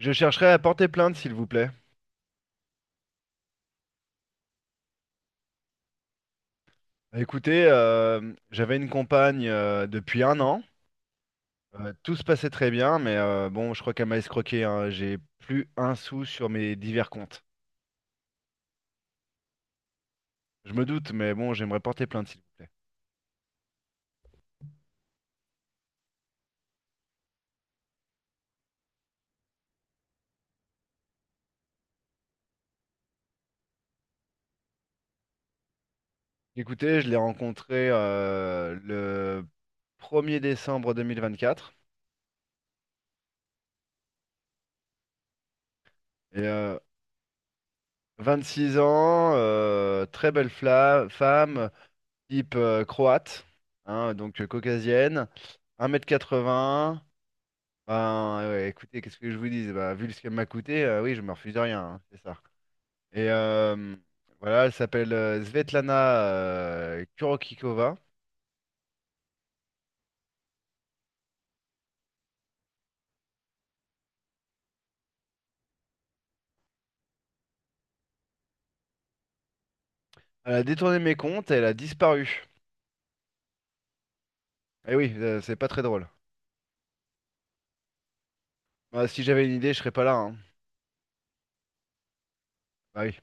Je chercherais à porter plainte, s'il vous plaît. Écoutez, j'avais une compagne depuis un an. Tout se passait très bien, mais bon, je crois qu'elle m'a escroqué, hein. J'ai plus un sou sur mes divers comptes. Je me doute, mais bon, j'aimerais porter plainte, s'il vous plaît. Écoutez, je l'ai rencontrée le 1er décembre 2024. Et, six ans, très belle femme, type croate, hein, donc caucasienne, un mètre quatre 80. Ben, ouais, écoutez, qu'est-ce que je vous dis? Bah, vu ce qu'elle m'a coûté, oui, je me refuse de rien, hein, c'est ça. Et voilà, elle s'appelle Svetlana Kurokikova. Elle a détourné mes comptes et elle a disparu. Eh oui, c'est pas très drôle. Bah, si j'avais une idée, je serais pas là, hein. Bah oui.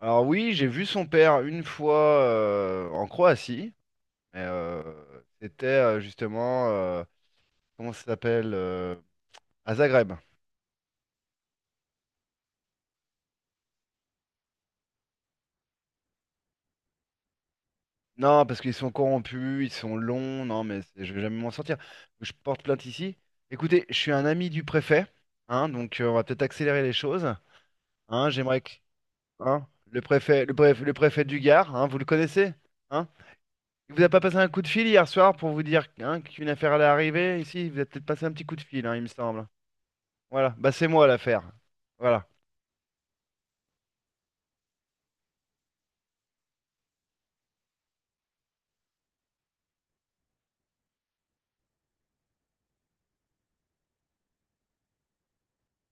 Alors oui, j'ai vu son père une fois en Croatie. Mais, c'était justement, comment ça s'appelle? À Zagreb. Non, parce qu'ils sont corrompus, ils sont longs, non, mais je vais jamais m'en sortir. Je porte plainte ici. Écoutez, je suis un ami du préfet, hein, donc on va peut-être accélérer les choses. Hein, j'aimerais que. Hein, le préfet du Gard, hein, vous le connaissez? Hein? Il vous a pas passé un coup de fil hier soir pour vous dire hein, qu'une affaire allait arriver ici? Il Vous avez peut-être passé un petit coup de fil, hein, il me semble. Voilà, bah c'est moi l'affaire. Voilà,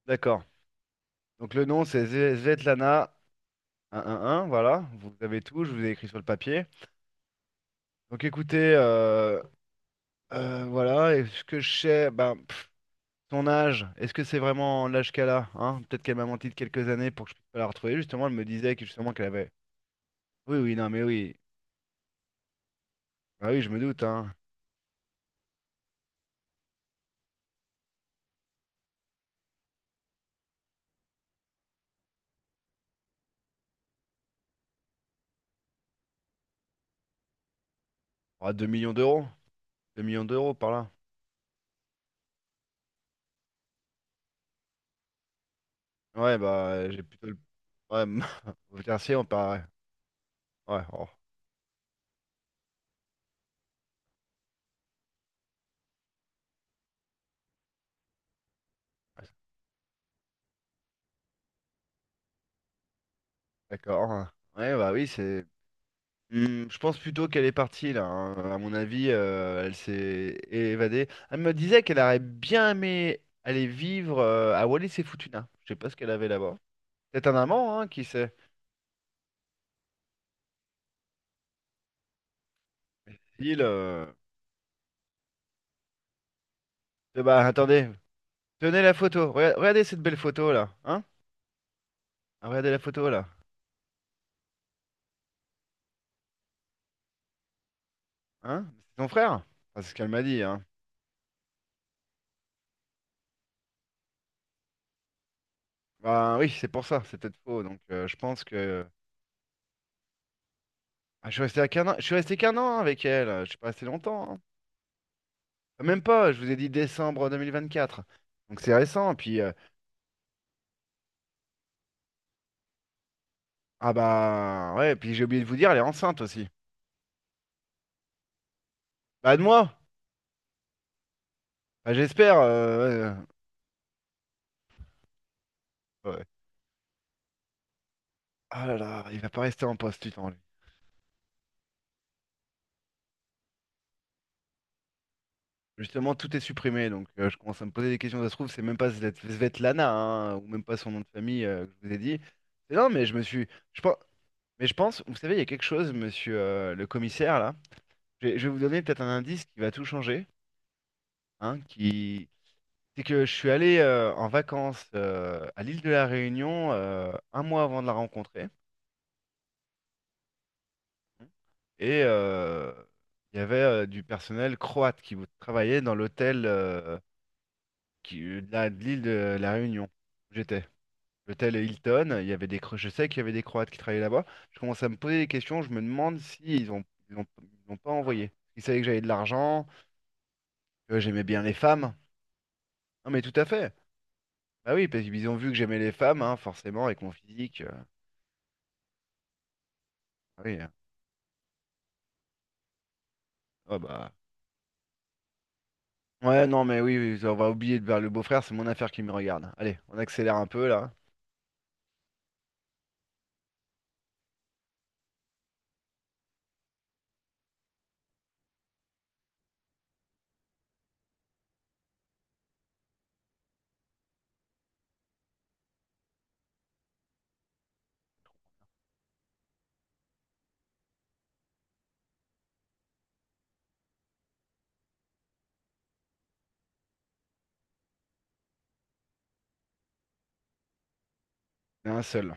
d'accord. Donc le nom c'est Svetlana un, un un, voilà, vous avez tout, je vous ai écrit sur le papier. Donc écoutez, voilà, est-ce que je sais, ben, pff, son âge, est-ce que c'est vraiment l'âge qu'elle a, hein? Peut-être qu'elle m'a menti de quelques années pour que je puisse pas la retrouver. Justement, elle me disait que justement qu'elle avait. Oui, oui, non, mais oui. Ah oui, je me doute, hein. Ah, 2 millions d'euros. 2 millions d'euros par là. Ouais, bah, j'ai plutôt le. Ouais, vous tertiez, on paraît. Ouais, oh, ouais, d'accord, hein. Ouais, bah oui, c'est. Mmh, je pense plutôt qu'elle est partie là, hein. À mon avis, elle s'est évadée. Elle me disait qu'elle aurait bien aimé aller vivre à Wallis et Futuna. Je sais pas ce qu'elle avait là-bas. Peut-être un amant, hein, qui sait. Il, euh, eh bah attendez, tenez la photo. Regardez cette belle photo là, hein? Ah, regardez la photo là, hein? C'est ton frère? Enfin, c'est ce qu'elle m'a dit, hein. Bah oui, c'est pour ça. C'est peut-être faux. Donc je pense que. Ah, je suis resté à qu'un an. Je suis resté qu'un an avec elle. Je suis pas resté longtemps, hein. Même pas, je vous ai dit décembre 2024. Donc c'est récent. Puis, ah bah, ouais, puis j'ai oublié de vous dire, elle est enceinte aussi. Bah, de moi! Bah, j'espère. Ouais, ouais. Ah là là, il va pas rester en poste, putain, lui. Justement, tout est supprimé, donc je commence à me poser des questions. Ça se trouve, c'est même pas Svetlana, hein, ou même pas son nom de famille que je vous ai dit. Mais non, mais je me suis. Je pense, mais je pense, vous savez, il y a quelque chose, monsieur le commissaire, là. Je vais vous donner peut-être un indice qui va tout changer, hein, c'est que je suis allé en vacances à l'île de la Réunion un mois avant de la rencontrer. Et il y avait du personnel croate qui travaillait dans l'hôtel de l'île de la Réunion où j'étais. L'hôtel Hilton, il y avait des, je sais qu'il y avait des Croates qui travaillaient là-bas. Je commence à me poser des questions, je me demande s'ils ont, ils l'ont pas envoyé. Ils savaient que j'avais de l'argent, que j'aimais bien les femmes. Non mais tout à fait. Bah oui, parce qu'ils ont vu que j'aimais les femmes, hein, forcément, avec mon physique. Ah oui. Ah bah. Ouais, non, mais oui, oui, on va oublier de voir le beau-frère, c'est mon affaire qui me regarde. Allez, on accélère un peu là. C'est un seul,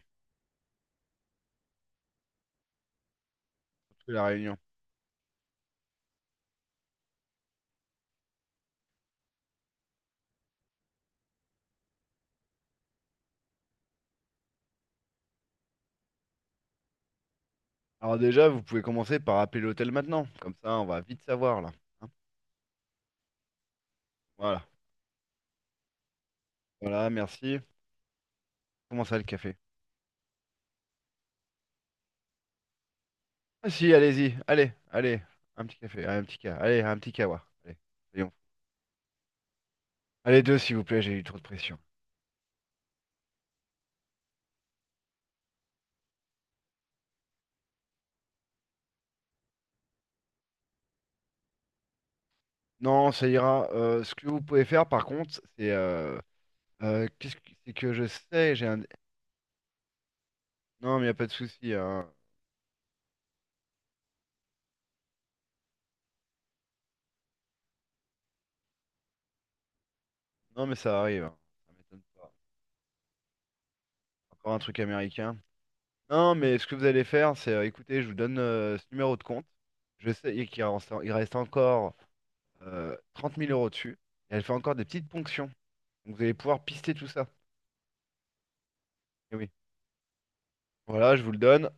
surtout la réunion. Alors déjà, vous pouvez commencer par appeler l'hôtel maintenant. Comme ça, on va vite savoir là, hein. Voilà, voilà, merci. Comment ça le café? Ah si, allez-y, allez, allez, un petit café, allez, allez, un petit kawa. Allez, soyons fous. Allez, deux s'il vous plaît, j'ai eu trop de pression. Non, ça ira. Ce que vous pouvez faire par contre, c'est qu'est-ce que c'est que je sais, j'ai un. Non, mais y a pas de souci, hein. Non, mais ça arrive, hein. Ça m'étonne. Encore un truc américain. Non, mais ce que vous allez faire, c'est, écoutez, je vous donne ce numéro de compte. Je sais qu'il reste encore 30 000 euros dessus. Et elle fait encore des petites ponctions. Donc vous allez pouvoir pister tout ça. Et oui. Voilà, je vous le donne.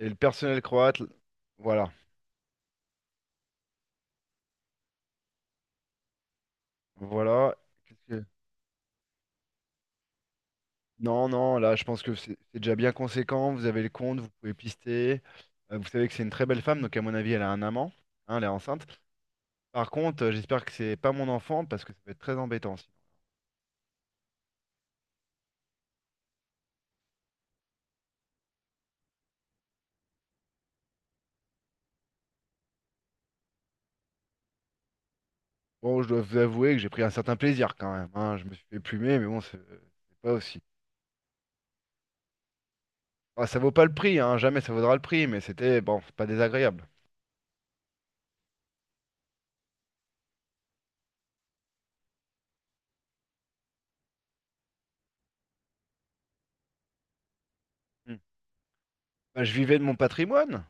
Et le personnel croate, voilà. Voilà. Qu'est-ce que- Non, non, là, je pense que c'est déjà bien conséquent. Vous avez le compte, vous pouvez pister. Vous savez que c'est une très belle femme, donc à mon avis, elle a un amant. Hein, elle est enceinte. Par contre, j'espère que c'est pas mon enfant, parce que ça peut être très embêtant. Bon, je dois vous avouer que j'ai pris un certain plaisir quand même, hein. Je me suis fait plumer, mais bon, c'est pas aussi. Ah, ça vaut pas le prix, hein. Jamais ça vaudra le prix, mais c'était, bon, c'est pas désagréable. Hmm. Bah, je vivais de mon patrimoine.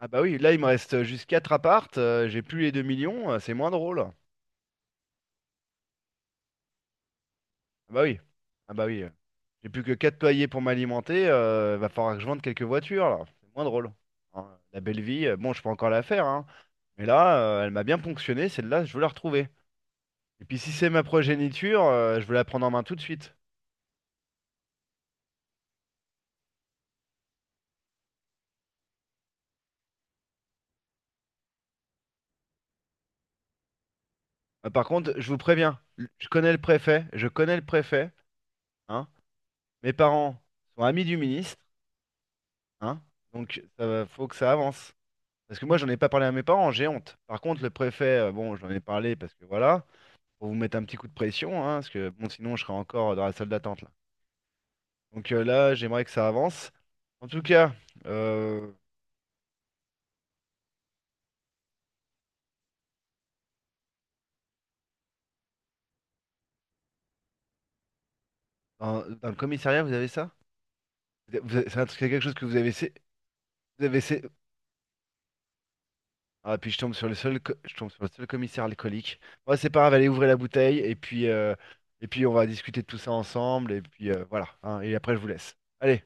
Ah bah oui, là, il me reste juste 4 appartes, j'ai plus les 2 millions, c'est moins drôle. Ah bah oui. Ah bah oui. J'ai plus que 4 loyers pour m'alimenter, va falloir que je vende quelques voitures, là. C'est moins drôle. Hein, la belle vie, bon, je peux encore la faire, hein. Mais là, elle m'a bien ponctionné, celle-là, je veux la retrouver. Et puis si c'est ma progéniture, je veux la prendre en main tout de suite. Par contre, je vous préviens, je connais le préfet, je connais le préfet, hein. Mes parents sont amis du ministre, hein. Donc faut que ça avance. Parce que moi, j'en ai pas parlé à mes parents, j'ai honte. Par contre, le préfet, bon, j'en ai parlé parce que voilà, pour vous mettre un petit coup de pression, hein, parce que bon, sinon, je serais encore dans la salle d'attente là. Donc là, j'aimerais que ça avance. En tout cas, euh, dans le commissariat, vous avez ça? C'est quelque chose que vous avez, vous avez sé- Ah, puis je tombe sur le seul, commissaire alcoolique. Moi, c'est pas grave, allez ouvrir la bouteille et puis on va discuter de tout ça ensemble. Et puis voilà, hein, et après, je vous laisse. Allez.